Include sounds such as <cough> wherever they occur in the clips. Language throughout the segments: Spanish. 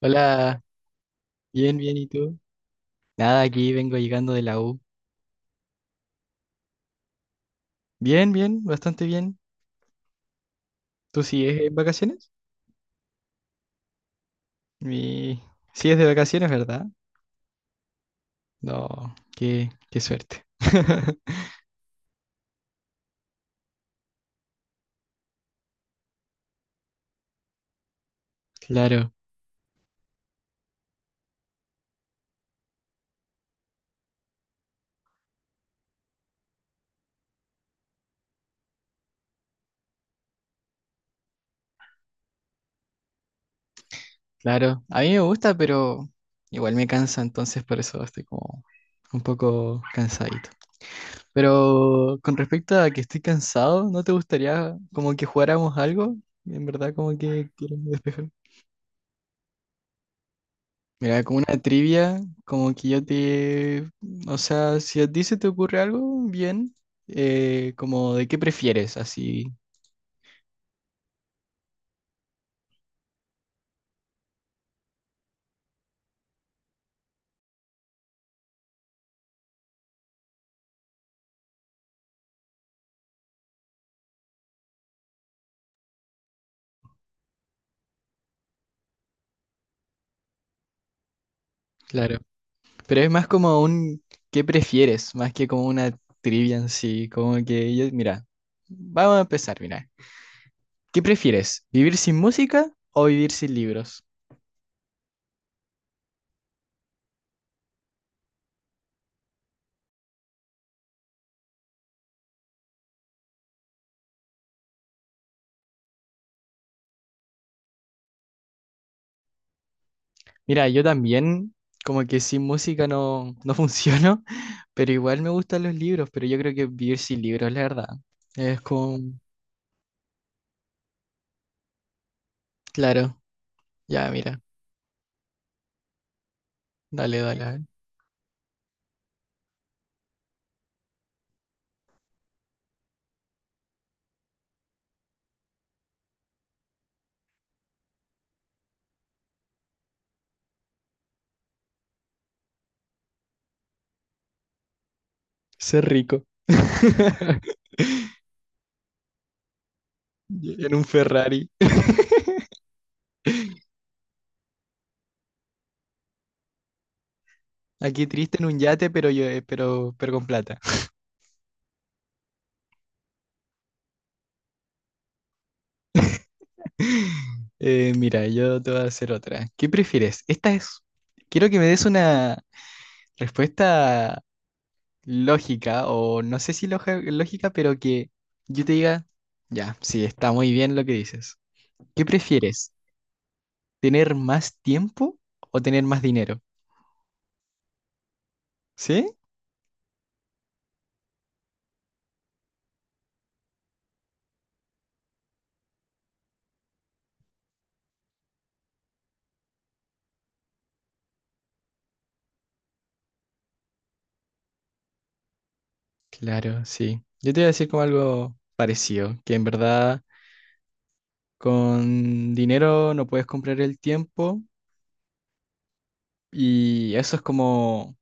Hola, bien, bien, ¿y tú? Nada, aquí vengo llegando de la U. Bien, bien, bastante bien. ¿Tú sigues en vacaciones? Mi... Sigues de vacaciones, ¿verdad? No, qué suerte. <laughs> Claro, claro. A mí me gusta, pero igual me cansa, entonces por eso estoy como un poco cansadito. Pero con respecto a que estoy cansado, ¿no te gustaría como que jugáramos algo? En verdad, como que quiero despejarme. Mira, como una trivia, como que yo te... O sea, si a ti se te ocurre algo, bien, como de qué prefieres, así, claro. Pero es más como un qué prefieres, más que como una trivia en sí, como que yo... Mira, vamos a empezar, mira. ¿Qué prefieres, vivir sin música o vivir sin libros? Mira, yo también como que sin música no funciono, <laughs> pero igual me gustan los libros, pero yo creo que vivir sin libros, la verdad. Es como... Claro. Ya, mira, dale, dale, a ver. Ser rico. <laughs> En un Ferrari. Aquí triste en un yate, pero yo, pero con plata. <laughs> Mira, yo te voy a hacer otra. ¿Qué prefieres? Esta es. Quiero que me des una respuesta lógica, o no sé si lógica, pero que yo te diga, ya, sí, está muy bien lo que dices. ¿Qué prefieres? ¿Tener más tiempo o tener más dinero? ¿Sí? Claro, sí. Yo te iba a decir como algo parecido, que en verdad con dinero no puedes comprar el tiempo y eso es como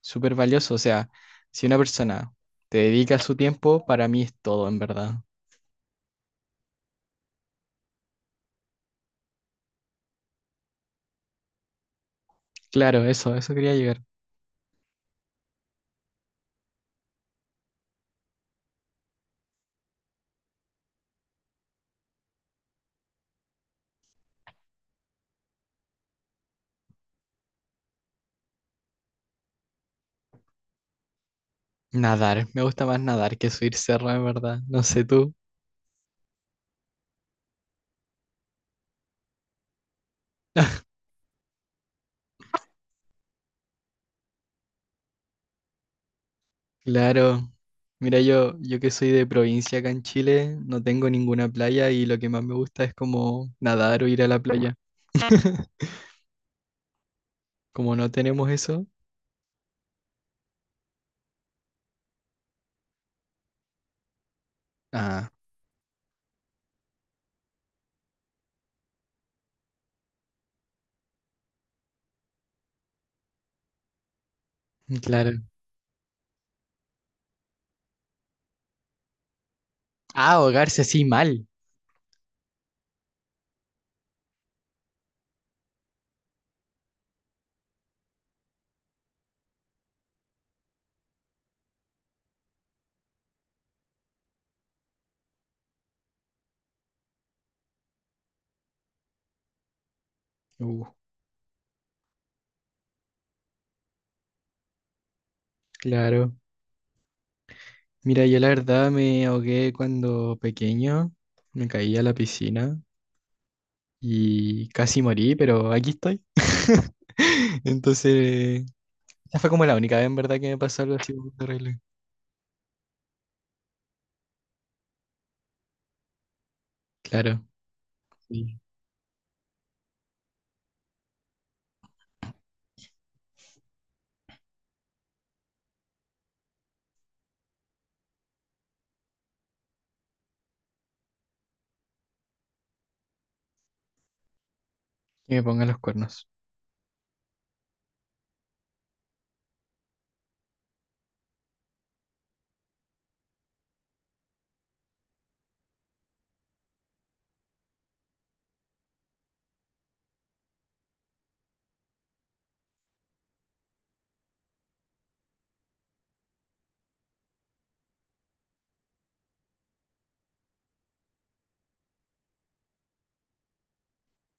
súper valioso. O sea, si una persona te dedica su tiempo, para mí es todo, en verdad. Claro, eso quería llegar. Nadar, me gusta más nadar que subir cerro, en verdad. No sé tú. Claro. Mira, yo que soy de provincia acá en Chile, no tengo ninguna playa y lo que más me gusta es como nadar o ir a la playa. Como no tenemos eso. Ah, claro. Ah, ahogarse así mal. Uh, claro. Mira, yo la verdad me ahogué cuando pequeño, me caí a la piscina y casi morí, pero aquí estoy. <laughs> Entonces, esa fue como la única vez en verdad que me pasó algo así muy terrible. Claro, sí. Que me pongan los cuernos.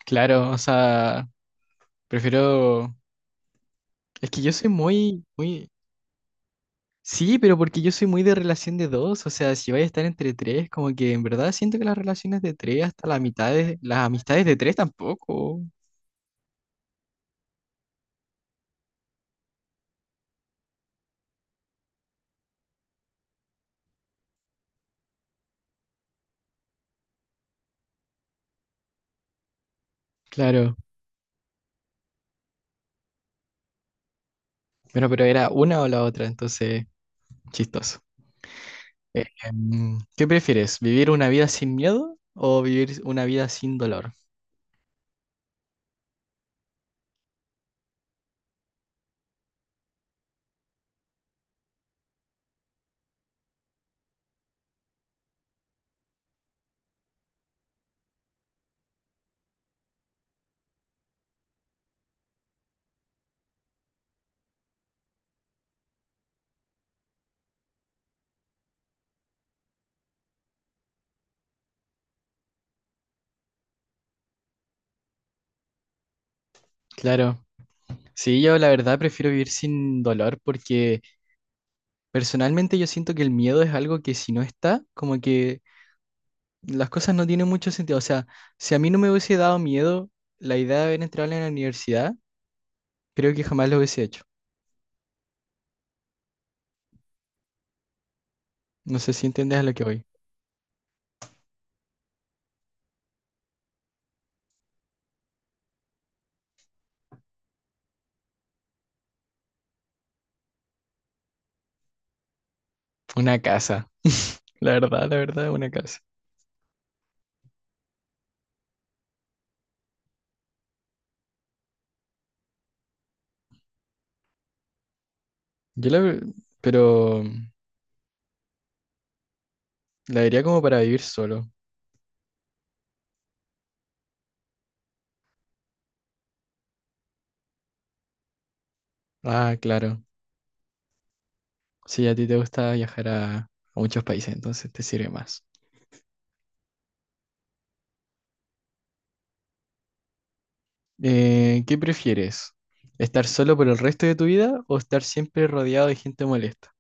Claro, o sea, prefiero... Es que yo soy muy... Sí, pero porque yo soy muy de relación de dos, o sea, si vais a estar entre tres, como que en verdad siento que las relaciones de tres hasta la mitad de, las amistades de tres tampoco. Claro. Bueno, pero era una o la otra, entonces, chistoso. ¿Qué prefieres? ¿Vivir una vida sin miedo o vivir una vida sin dolor? Claro. Sí, yo la verdad prefiero vivir sin dolor porque personalmente yo siento que el miedo es algo que si no está, como que las cosas no tienen mucho sentido. O sea, si a mí no me hubiese dado miedo la idea de haber entrado en la universidad, creo que jamás lo hubiese hecho. No sé si entiendes a lo que voy. Una casa. <laughs> La verdad, una casa. Yo la... ve- Pero la vería como para vivir solo. Ah, claro. Sí, a ti te gusta viajar a muchos países, entonces te sirve más. ¿Qué prefieres? ¿Estar solo por el resto de tu vida o estar siempre rodeado de gente molesta?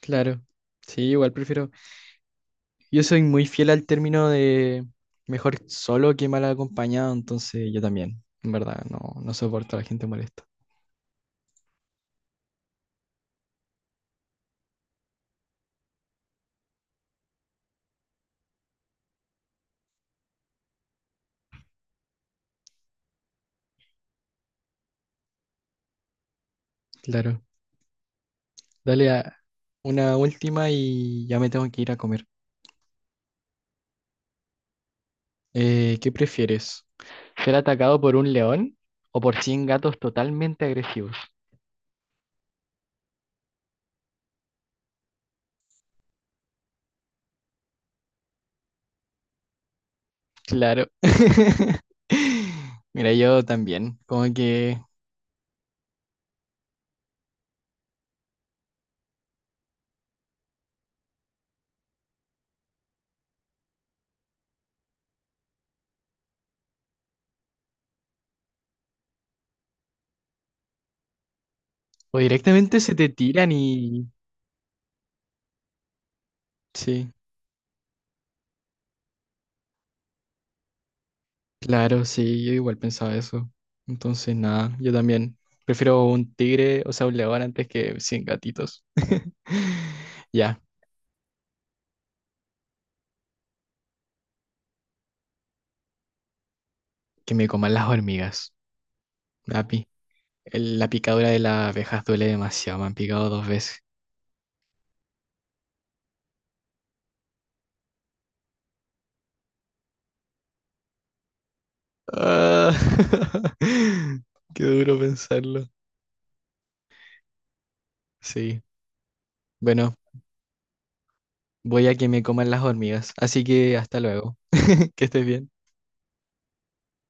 Claro. Sí, igual prefiero. Yo soy muy fiel al término de mejor solo que mal acompañado, entonces yo también, en verdad, no soporto a la gente molesta. Claro. Dale a una última y ya me tengo que ir a comer. ¿Qué prefieres? ¿Ser atacado por un león o por cien gatos totalmente agresivos? Claro. <laughs> Mira, yo también, como que o directamente se te tiran y sí. Claro, sí, yo igual pensaba eso. Entonces, nada, yo también prefiero un tigre, o sea, un león antes que 100 gatitos. <laughs> Ya, que me coman las hormigas. La, pi- la picadura de las abejas duele demasiado, me han picado dos veces. Ah, <laughs> qué duro pensarlo. Sí, bueno, voy a que me coman las hormigas, así que hasta luego, <laughs> que estés bien.